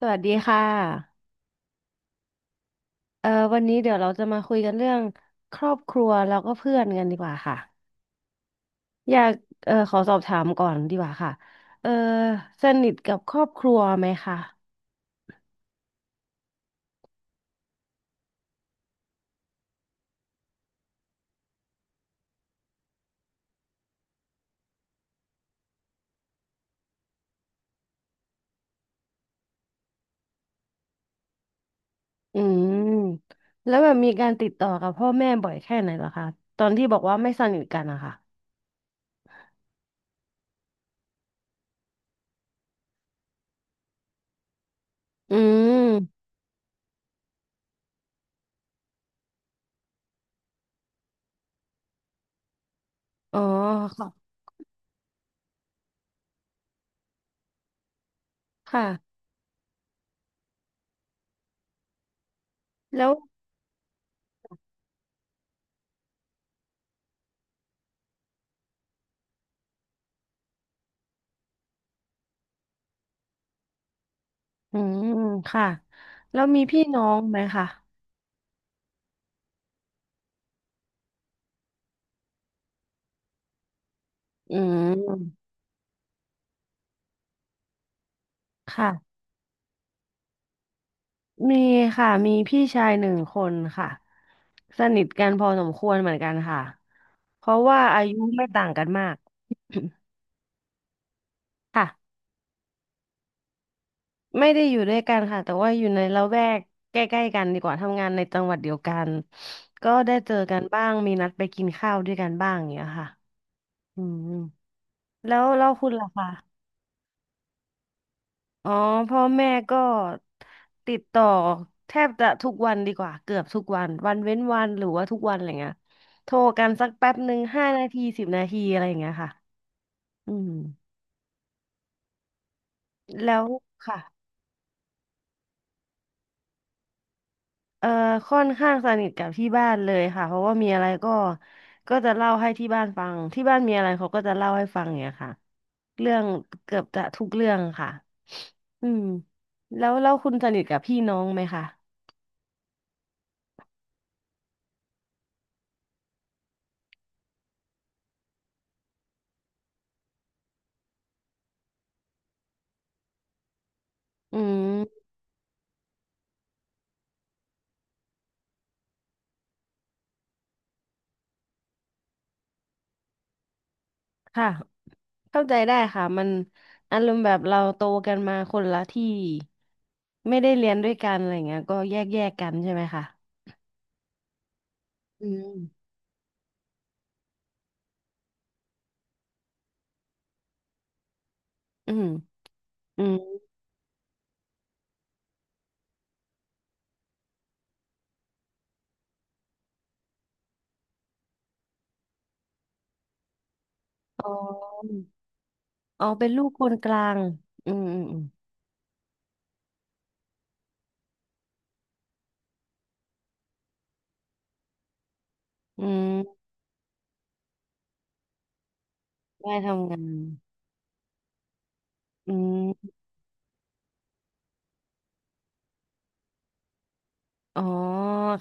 สวัสดีค่ะวันนี้เดี๋ยวเราจะมาคุยกันเรื่องครอบครัวแล้วก็เพื่อนกันดีกว่าค่ะอยากเอ่อขอสอบถามก่อนดีกว่าค่ะเอ่อสนิทกับครอบครัวไหมคะอืมแล้วแบบมีการติดต่อกับพ่อแม่บ่อยแค่ไหนเหรอคะตอนที่บอกว่าไม่สนิทกันอะค่ะอืมอ๋อค่ะค่ะแล้วอืมค่ะแล้วมีพี่น้องไหมคะอืมค่ะ มีค่ะมีพี่ชายหนึ่งคนค่ะสนิทกันพอสมควรเหมือนกันค่ะเพราะว่าอายุไม่ต่างกันมาก ค่ะไม่ได้อยู่ด้วยกันค่ะแต่ว่าอยู่ในละแวกใกล้ๆกันดีกว่าทำงานในจังหวัดเดียวกันก็ได้เจอกันบ้างมีนัดไปกินข้าวด้วยกันบ้างอย่างเงี้ยค่ะอืมแล้วคุณล่ะคะ อ๋อพ่อแม่ก็ติดต่อแทบจะทุกวันดีกว่าเกือบทุกวันวันเว้นวันหรือว่าทุกวันอะไรเงี้ยโทรกันสักแป๊บหนึ่ง5 นาที10 นาทีอะไรอย่างเงี้ยค่ะอืมแล้วค่ะเอ่อค่อนข้างสนิทกับที่บ้านเลยค่ะเพราะว่ามีอะไรก็ก็จะเล่าให้ที่บ้านฟังที่บ้านมีอะไรเขาก็จะเล่าให้ฟังอย่างเงี้ยค่ะเรื่องเกือบจะทุกเรื่องค่ะอืมแล้วคุณสนิทกับพี่น้องไหมคะอืม ค่ะเข้าใจได้ค่ะมันอารมณ์แบบเราโตกันมาคนละที่ไม่ได้เรียนด้วยกันอะไรเงี้ยก็แยกกันใช่ไหมคะอืมอืมอืมอ๋ออ๋อเป็นลูกคนกลางอืมอืมอืมอืมได้ทำงานอืมอ๋อ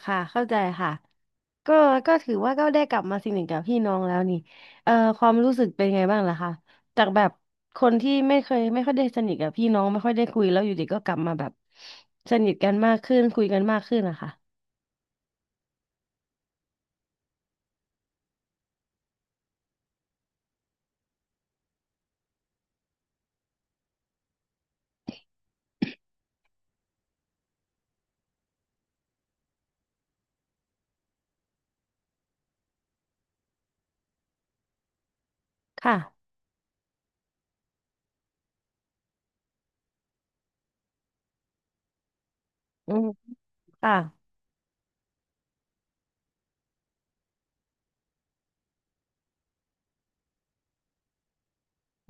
ค่ะเข้าใจค่ะ ก็ก็ถือว่าก็ได้กลับมาสงหนิทกับพี่น้องแล้วนี่เอ่อความรู้สึกเป็นไงบ้างล่ะคะจากแบบคนที่ไม่เคยไม่ค่อยได้สนิทกับพี่น้องไม่ค่อยได้คุยแล้วอยู่ดีก็กลับมาแบบสนิทกันมากขึ้นคุยกันมากขึ้นนะคะค่ะอืมค่ะ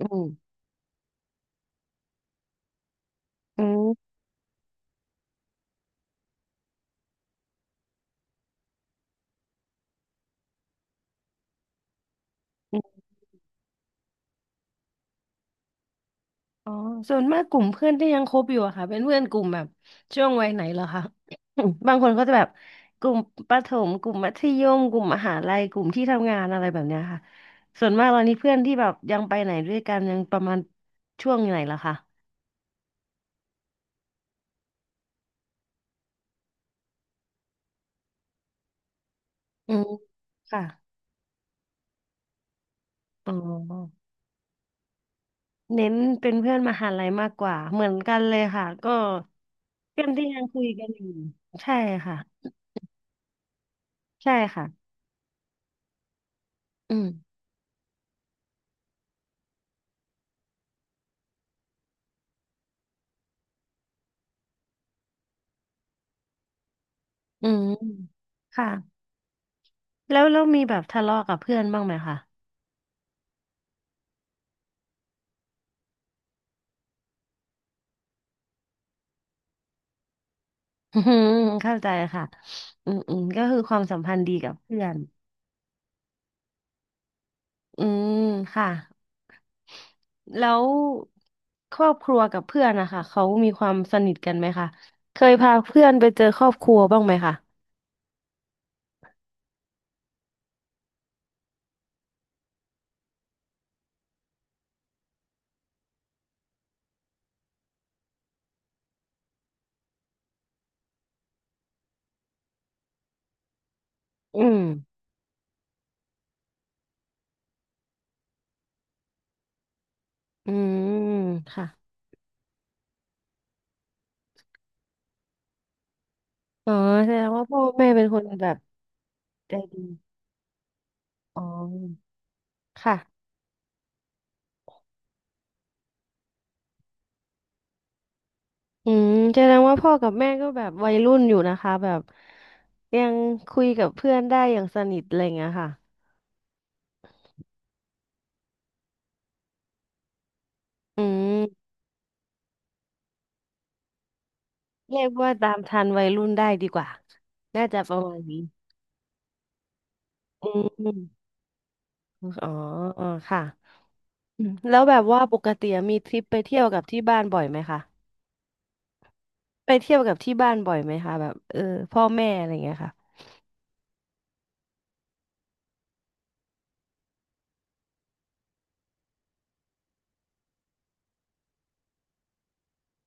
อืมอืม อ๋อส่วนมากกลุ่มเพื่อนที่ยังคบอยู่อะค่ะเป็นเพื่อนกลุ่มแบบช่วงวัยไหนเหรอคะ บางคนก็จะแบบกลุ่มประถมกลุ่มมัธยมกลุ่มมหาลัยกลุ่มที่ทำงานอะไรแบบเนี้ยค่ะส่วนมากตอนนี้เพื่อนที่แบบยังไปไหนด้วยกันยังประมาณช่วงไหนเหรอคะอืมค่ะอ๋อเน้นเป็นเพื่อนมหาลัยมากกว่าเหมือนกันเลยค่ะก็เพื่อนที่ยังคุยกันอยู่ใช่ค่ะใช่ค่ะอืมอืมค่ะ แล้วมีแบบทะเลาะกับเพื่อนบ้างไหมคะอืมเข้าใจค่ะอืมอืมก็คือความสัมพันธ์ดีกับเพื่อนอืมค่ะแล้วครอบครัวกับเพื่อนนะคะเขามีความสนิทกันไหมคะเคยพาเพื่อนไปเจอครอบครัวบ้างไหมคะอืมอืมค่ะอ๋อแสดงว่าพ่อแม่เป็นคนแบบใจดีอ๋อค่ะอืมแสดงว่าพ่อกับแม่ก็แบบวัยรุ่นอยู่นะคะแบบยังคุยกับเพื่อนได้อย่างสนิทอะไรอย่างเงี้ยค่ะ อืมเรียกว่าตามทันวัยรุ่นได้ดีกว่าน่าจะประมาณนี้อืมอมอ๋ออ๋อค่ะอืมแล้วแบบว่าปกติมีทริปไปเที่ยวกับที่บ้านบ่อยไหมคะไปเที่ยวกับที่บ้านบ่อยไหมคะแบบเออพ่อแม่อะไรอย่างเงี้ยค่ะ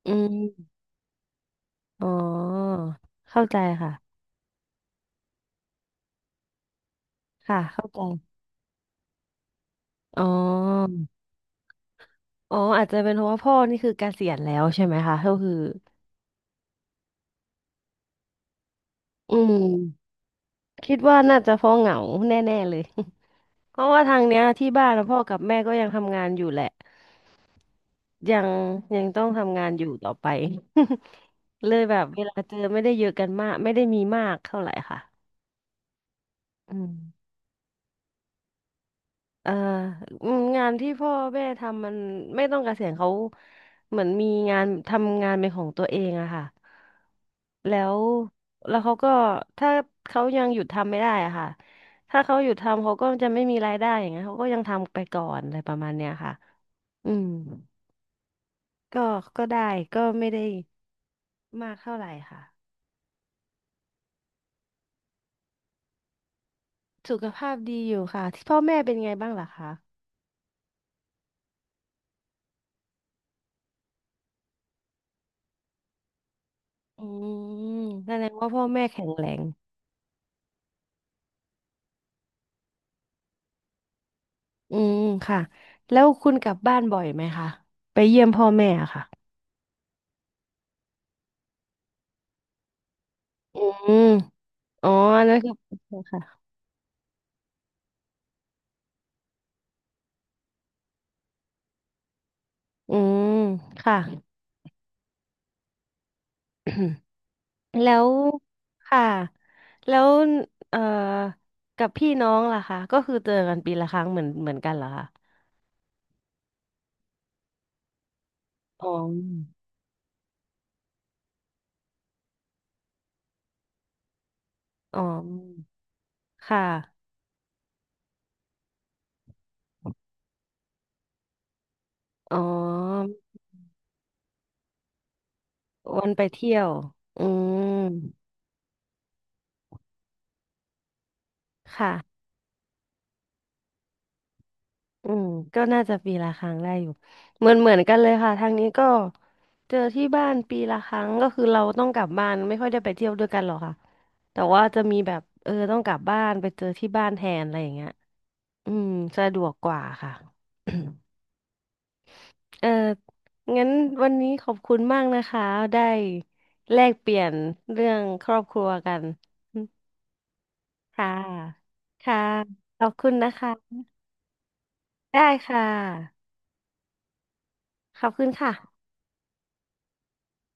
อืมอ๋อเข้าใจค่ะค่ะเข้าใจอ๋ออ๋ออาจจะเป็นเพราะว่าพ่อนี่คือเกษียณแล้วใช่ไหมคะก็คืออืมคิดว่าน่าจะเพราะเหงาแน่ๆเลย เพราะว่าทางเนี้ยที่บ้านนะพ่อกับแม่ก็ยังทำงานอยู่แหละยังยังต้องทำงานอยู่ต่อไป เลยแบบเวลาเจอไม่ได้เยอะกันมากไม่ได้มีมากเท่าไหร่ค่ะอืมเอ่ออืมงานที่พ่อแม่ทำมันไม่ต้องเกษียณเขาเหมือนมีงานทำงานเป็นของตัวเองอะค่ะแล้วแล้วเขาก็ถ้าเขายังหยุดทำไม่ได้อะค่ะถ้าเขาหยุดทำเขาก็จะไม่มีรายได้อย่างเงี้ยเขาก็ยังทำไปก่อนอะไรประมาณเนี้ยค่ะอืม ก็ก็ได้ก็ไม่ได้มากเท่าไหร่ค่ะสุขภาพดีอยู่ค่ะที่พ่อแม่เป็นไงบ้างล่ะคะอืมแสดงว่าพ่อแม่แข็งแรงอืมค่ะแล้วคุณกลับบ้านบ่อยไหมคะไปเยี่ยมพ่อแม่อะค่ะอืมอ๋ออันนั่นคือโอเคค่ะอืมค่ะ แล้วค่ะแล้วเอ่อกับพี่น้องล่ะคะก็คือเจอกันปีละครั้งเหมือนกันเหรอคะอ๋ออ๋อค่ะ อ๋อวันไปเที่ยว อืม ค่ะอืมก็น่าจะปีละครั้งได้อยู่ เหมือนกันเลยค่ะทางนี้ก็เจอที่บ้านปีละครั้งก็คือเราต้องกลับบ้านไม่ค่อยได้ไปเที่ยวด้วยกันหรอกค่ะแต่ว่าจะมีแบบเออต้องกลับบ้านไปเจอที่บ้านแทนอะไรอย่างเงี้ยอืมสะดวกกว่าค่ะ เอองั้นวันนี้ขอบคุณมากนะคะได้แลกเปลี่ยนเรื่องครอบครัวกัน ค่ะค่ะ ขอบคุณนะคะ ได้ค่ะ ขอบคุณค่ะ